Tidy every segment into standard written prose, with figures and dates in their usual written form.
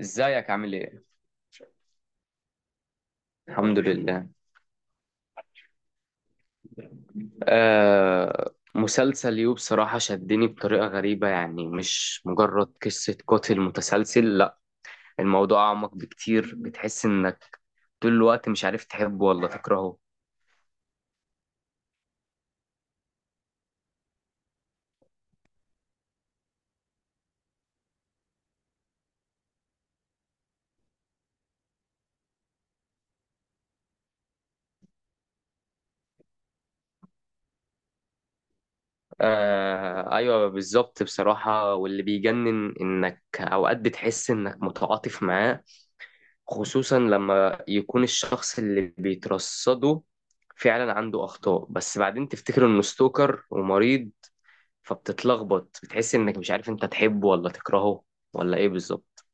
ازيك عامل ايه؟ الحمد لله. مسلسل يو بصراحة شدني بطريقة غريبة، يعني مش مجرد قصة قاتل متسلسل. لا، الموضوع أعمق بكتير. بتحس إنك طول الوقت مش عارف تحبه ولا تكرهه. آه، أيوة بالظبط. بصراحة، واللي بيجنن إنك أوقات بتحس إنك متعاطف معاه، خصوصا لما يكون الشخص اللي بيترصده فعلا عنده أخطاء. بس بعدين تفتكر إنه ستوكر ومريض، فبتتلخبط، بتحس انك مش عارف انت تحبه ولا تكرهه ولا ايه بالظبط.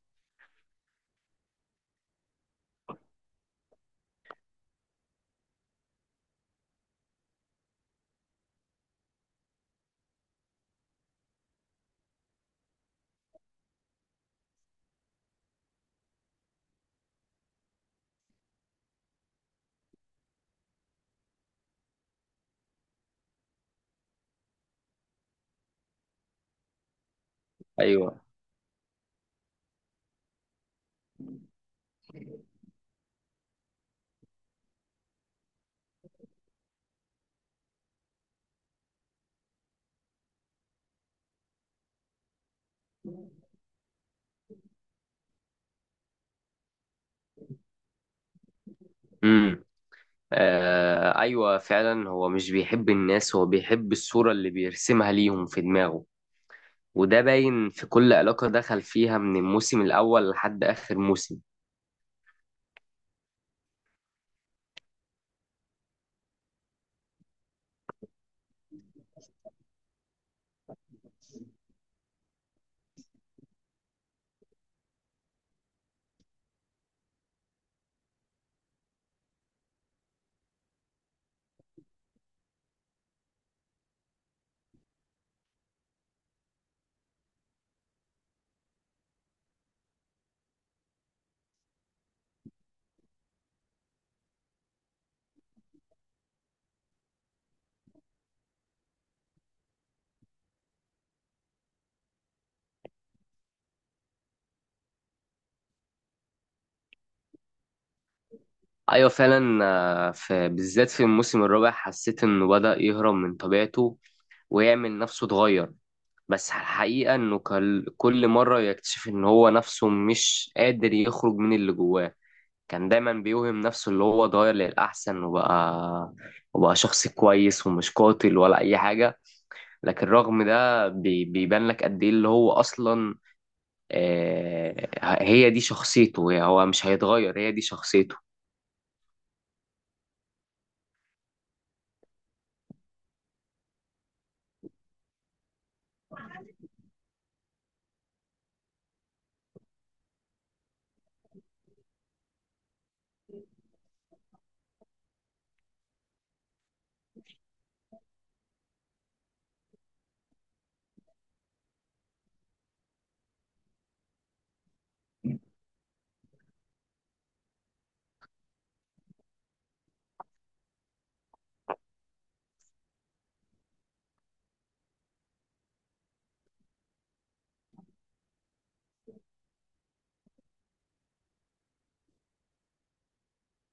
ايوه. امم. آه، ايوه فعلا، هو مش بيحب الناس، هو بيحب الصورة اللي بيرسمها ليهم في دماغه. وده باين في كل علاقة دخل فيها من الموسم الأول لحد آخر موسم. ايوه فعلا. في بالذات في الموسم الرابع حسيت انه بدأ يهرب من طبيعته ويعمل نفسه اتغير. بس الحقيقة انه كل مرة يكتشف ان هو نفسه مش قادر يخرج من اللي جواه. كان دايما بيوهم نفسه اللي هو اتغير للأحسن وبقى شخص كويس ومش قاتل ولا أي حاجة. لكن رغم ده بيبان لك قد إيه اللي هو أصلا. آه، هي دي شخصيته، يعني هو مش هيتغير، هي دي شخصيته.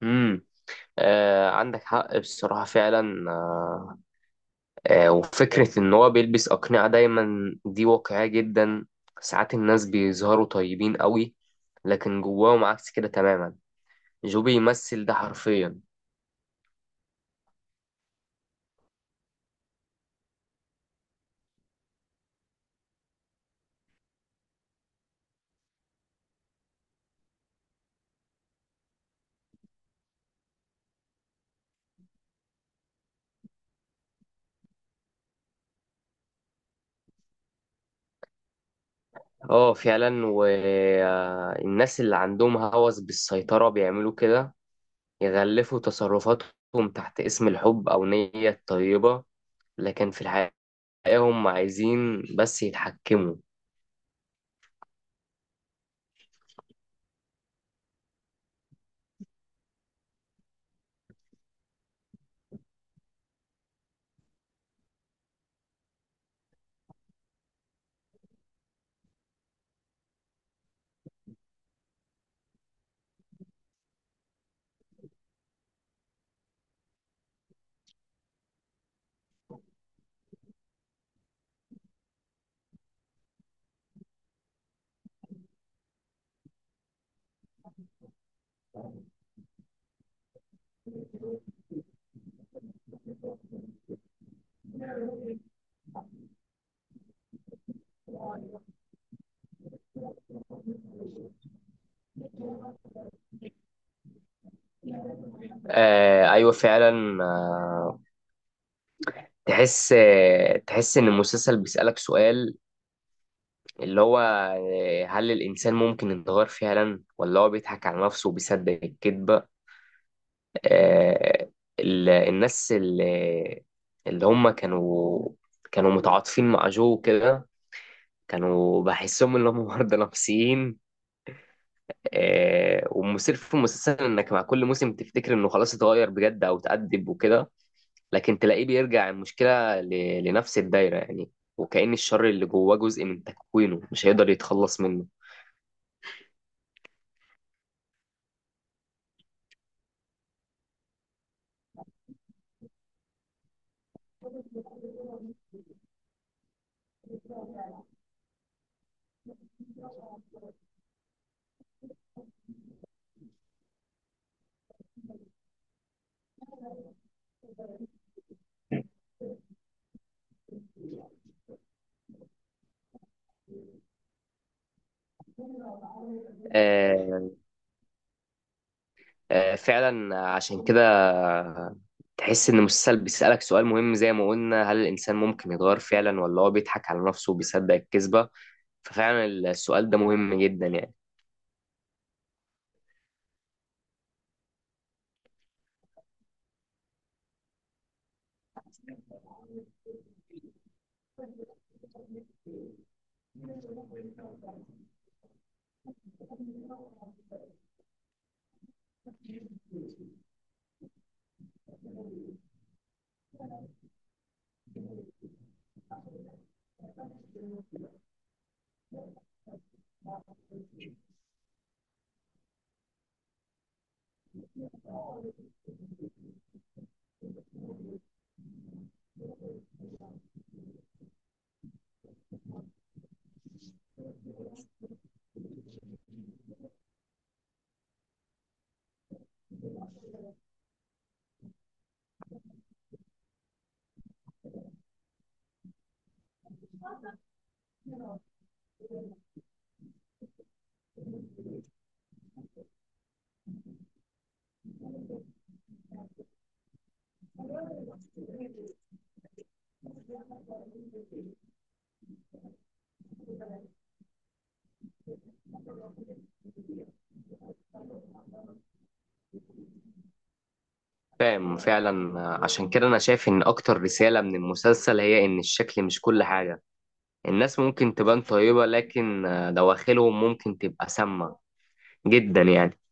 امم، آه، عندك حق. بصراحة فعلا. وفكرة إن هو بيلبس أقنعة دايما دي واقعية جدا. ساعات الناس بيظهروا طيبين قوي، لكن جواهم عكس كده تماما. جو بيمثل ده حرفيا. اه فعلا، والناس اللي عندهم هوس بالسيطرة بيعملوا كده، يغلفوا تصرفاتهم تحت اسم الحب أو نية طيبة، لكن في الحقيقة هم عايزين بس يتحكموا. آه، أيوة فعلا. تحس إن المسلسل بيسألك سؤال، اللي هو هل الإنسان ممكن يتغير فعلا ولا هو بيضحك على نفسه وبيصدق الكذبة. آه، الناس اللي هم كانوا متعاطفين مع جو كده، كانوا بحسهم ان هم مرضى نفسيين. والمثير في المسلسل انك مع كل موسم تفتكر انه خلاص اتغير بجد او اتأدب وكده، لكن تلاقيه بيرجع المشكلة لنفس الدايرة يعني، وكأن الشر اللي جواه جزء من تكوينه مش هيقدر يتخلص منه. آه، فعلا عشان كده تحس ان المسلسل بيسألك سؤال مهم زي ما قلنا، هل الانسان ممكن يتغير فعلا ولا هو بيضحك على نفسه وبيصدق الكذبة. ففعلا السؤال ده مهم جدا يعني. فاهم فعلا. عشان كده انا شايف ان اكتر رسالة من المسلسل هي ان الشكل مش كل حاجة، الناس ممكن تبان طيبة لكن دواخلهم ممكن تبقى سامة جدا يعني.